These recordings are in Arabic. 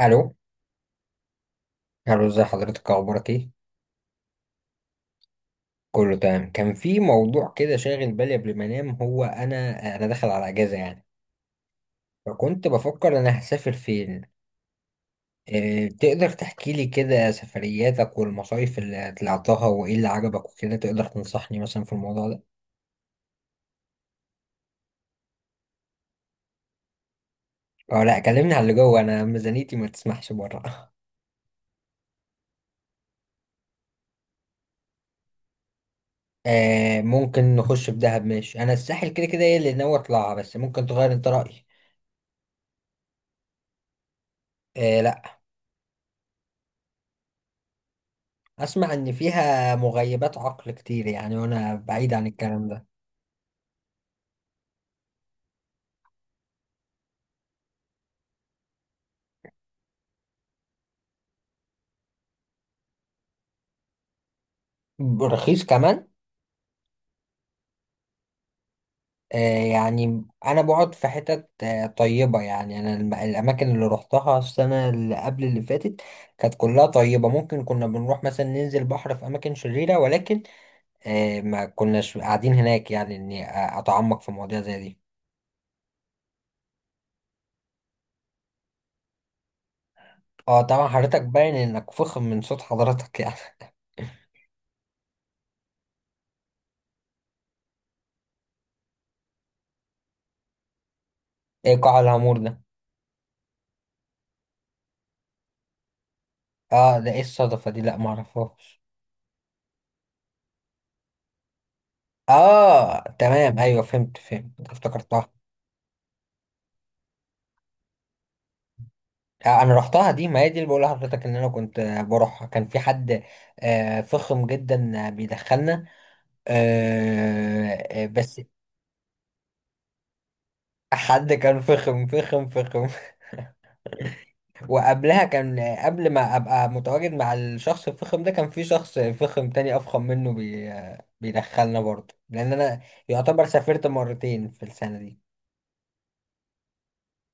الو. الو، ازي حضرتك، اخبارك ايه؟ كله تمام. كان في موضوع كده شاغل بالي قبل ما انام، هو انا داخل على اجازه يعني، فكنت بفكر انا هسافر فين. إيه، تقدر تحكي لي كده سفرياتك والمصايف اللي طلعتها وايه اللي عجبك وكده؟ تقدر تنصحني مثلا في الموضوع ده؟ اه لا، كلمني على اللي جوه، انا ميزانيتي ما تسمحش بره. آه، ممكن نخش في دهب. ماشي، انا الساحل كده كده ايه اللي ناوي اطلعها، بس ممكن تغير انت رايي. آه لا. اسمع ان فيها مغيبات عقل كتير يعني، وانا بعيد عن الكلام ده. رخيص كمان؟ آه. يعني انا بقعد في حتت طيبة يعني، انا الاماكن اللي روحتها السنة اللي قبل اللي فاتت كانت كلها طيبة. ممكن كنا بنروح مثلا ننزل بحر في اماكن شريرة، ولكن آه، ما كناش قاعدين هناك، يعني اني اتعمق في مواضيع زي دي. اه طبعا، حضرتك باين انك فخم من صوت حضرتك يعني. ايه قاع العمور ده؟ اه، ده ايه الصدفة دي؟ لا، معرفهاش. اه تمام، ايوه، فهمت فهمت، افتكرتها. انا رحتها دي، ما هي دي اللي بقول لحضرتك ان انا كنت بروحها. كان في حد فخم جدا، بيدخلنا. آه، بس حد كان فخم فخم فخم. وقبلها كان، قبل ما ابقى متواجد مع الشخص الفخم ده، كان في شخص فخم تاني افخم منه، بي آه، بيدخلنا برضه، لان انا يعتبر سافرت مرتين في السنة دي.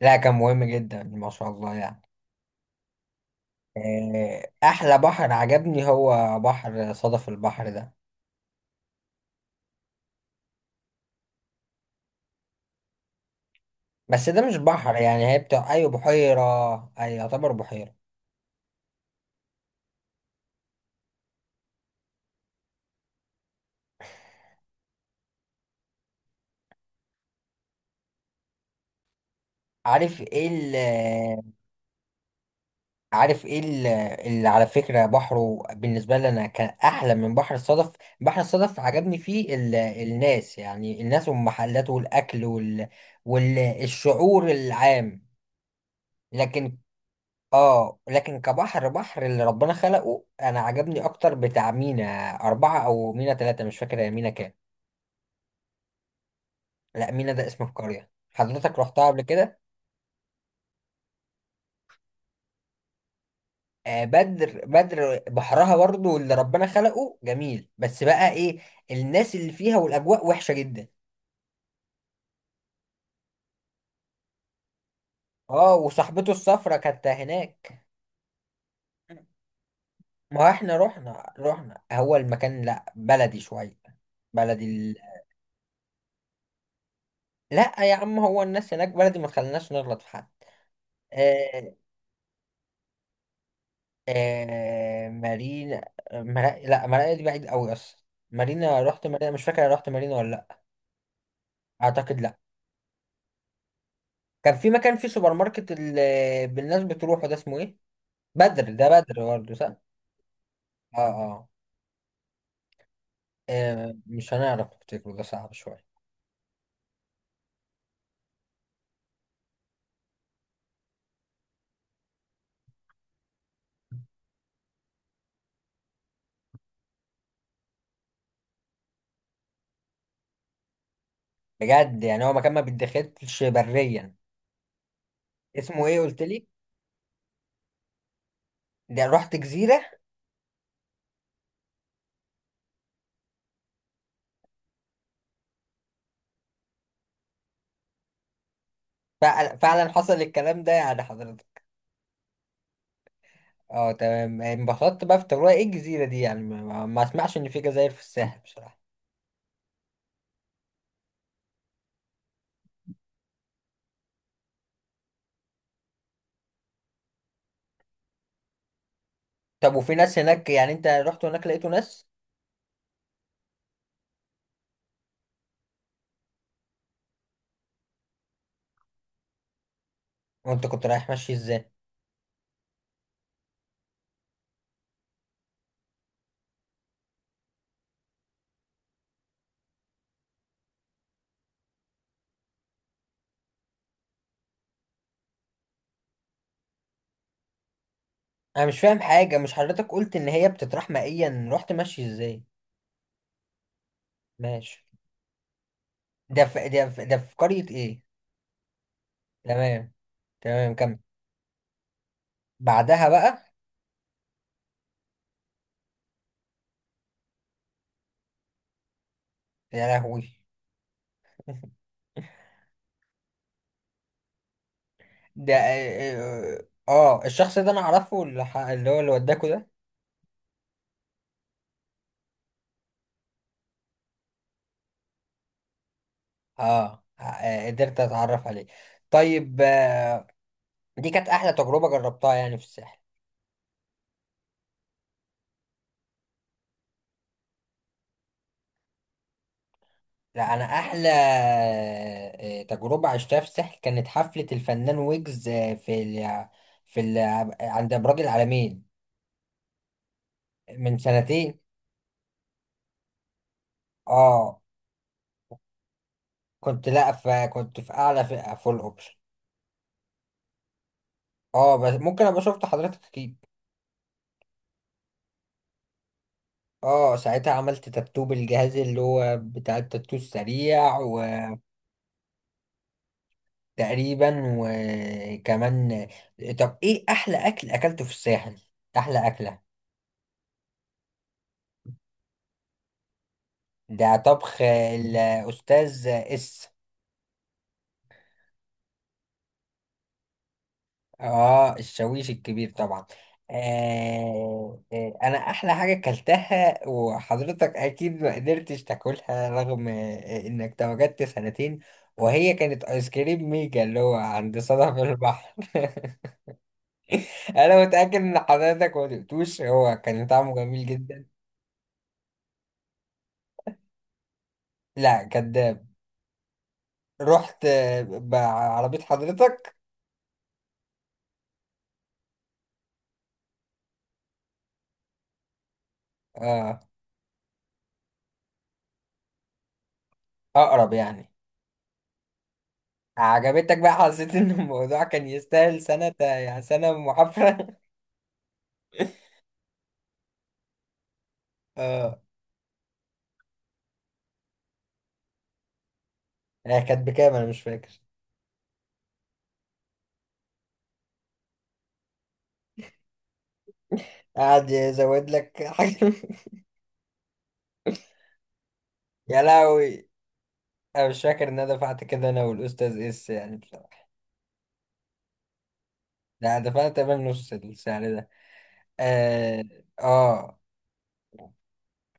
لا كان مهم جدا ما شاء الله يعني. احلى بحر عجبني هو بحر صدف البحر ده. بس ده مش بحر، يعني هي بتاع ايوه، بحيرة. اي يعتبر بحيرة. عارف ايه ال، عارف ايه اللي على فكرة بحره بالنسبة لي انا كان احلى من بحر الصدف. بحر الصدف عجبني فيه ال... الناس، يعني الناس والمحلات والاكل وال... والشعور العام، لكن. اه لكن كبحر، اللي ربنا خلقه انا عجبني اكتر بتاع مينا 4 او مينا 3، مش فاكر هي مينا كام. لا، مينا ده اسم القرية، حضرتك رحتها قبل كده؟ آه، بدر بدر بحرها برضو اللي ربنا خلقه جميل، بس بقى ايه، الناس اللي فيها والاجواء وحشة جدا. اه، وصاحبته الصفرة كانت هناك. ما هو احنا رحنا، هو المكان لا بلدي شوية، بلدي ال... لا يا عم، هو الناس هناك بلدي، ما تخليناش نغلط في حد. آه، آه مارينا، مرا... لا، مارينا دي بعيد قوي اصلا. مارينا، رحت مارينا مش فاكر، أنا رحت مارينا ولا لا؟ اعتقد لا. كان في مكان، في سوبر ماركت اللي بالناس بتروحه، ده اسمه ايه؟ بدر، ده بدر برضه صح؟ اه اه. مش هنعرف نفتكره، ده صعب شويه. بجد، يعني هو مكان ما بيتدخلش بريا. اسمه ايه قلت لي؟ ده رحت جزيره؟ فعلا فعلا حصل الكلام ده يعني حضرتك؟ اه تمام، انبسطت بقى في تجربة ايه الجزيره دي يعني، ما اسمعش ان في جزائر في الساحل بصراحه. طب وفي ناس هناك يعني؟ انت رحت هناك لقيته ناس؟ وانت كنت رايح ماشي ازاي؟ انا مش فاهم حاجه، مش حضرتك قلت ان هي بتطرح مائيا؟ رحت ماشي ازاي؟ ماشي. ده في قريه ايه؟ تمام. تمام، كمل. بعدها بقى. يا لهوي. ده اه، الشخص ده انا اعرفه، اللي هو اللي وداكوا ده. اه اه، قدرت اتعرف عليه. طيب اه، دي كانت احلى تجربه جربتها يعني في الساحل. لا انا احلى تجربه عشتها في الساحل كانت حفله الفنان ويجز، في ال... عند ابراج العالمين. من سنتين. اه كنت لا، فكنت في اعلى فئه، فول اوبشن. اه بس ممكن ابقى شفت حضرتك اكيد. اه ساعتها عملت تاتو بالجهاز اللي هو بتاع التاتو السريع. وتقريبا وكمان. طب ايه احلى اكل اكلته في الساحل؟ احلى اكله؟ ده طبخ الاستاذ اس. اه الشاويش الكبير طبعا. انا احلى حاجه اكلتها، وحضرتك اكيد ما قدرتش تاكلها، رغم انك تواجدت سنتين، وهي كانت ايس كريم ميجا اللي هو عند صدف البحر. انا متاكد ان حضرتك ما دقتوش، هو كان طعمه جميل جدا. لا كداب. رحت بعربيه حضرتك؟ آه. اقرب يعني؟ عجبتك بقى؟ حسيت ان الموضوع كان يستاهل سنه، يعني سنه محافره؟ اه. هي كانت بكام انا مش فاكر. قعد يزود لك حاجه. يا لهوي. انا مش فاكر ان انا دفعت كده انا والاستاذ اس يعني بصراحه. لا دفعت تمام نص السعر ده. اه. اه.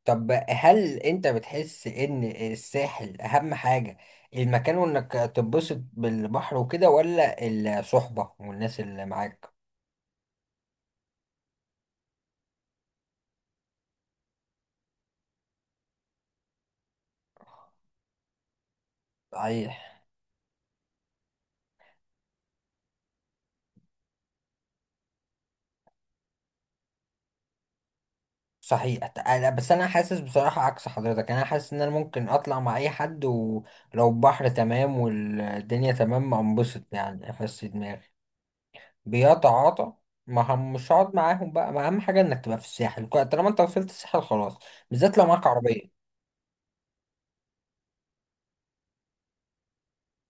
طب هل انت بتحس ان الساحل اهم حاجه المكان، وانك تتبسط بالبحر وكده، ولا الصحبه والناس اللي معاك؟ صحيح. صحيح. أنا بس، انا حاسس بصراحة عكس حضرتك، انا حاسس ان انا ممكن اطلع مع اي حد، ولو البحر تمام والدنيا تمام انبسط، يعني احس دماغي. بيتعاطى؟ ما هم مش هقعد معاهم بقى، ما اهم حاجة انك تبقى في الساحل، طالما انت وصلت الساحل خلاص، بالذات لو معاك عربية.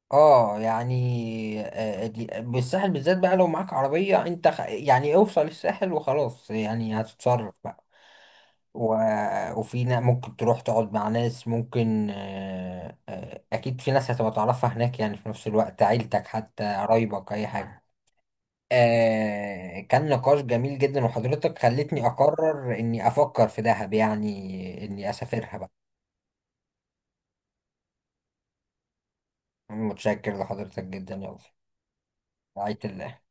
اه يعني، بالساحل بالذات بقى، لو معاك عربية انت يعني اوصل الساحل وخلاص، يعني هتتصرف بقى. و... وفي ممكن تروح تقعد مع ناس، ممكن اكيد في ناس هتبقى تعرفها هناك يعني، في نفس الوقت عيلتك، حتى قرايبك، اي حاجة. آه كان نقاش جميل جدا، وحضرتك خلتني اقرر اني افكر في دهب، يعني اني اسافرها بقى. متشكر لحضرتك جدا، يلا. رعاية الله.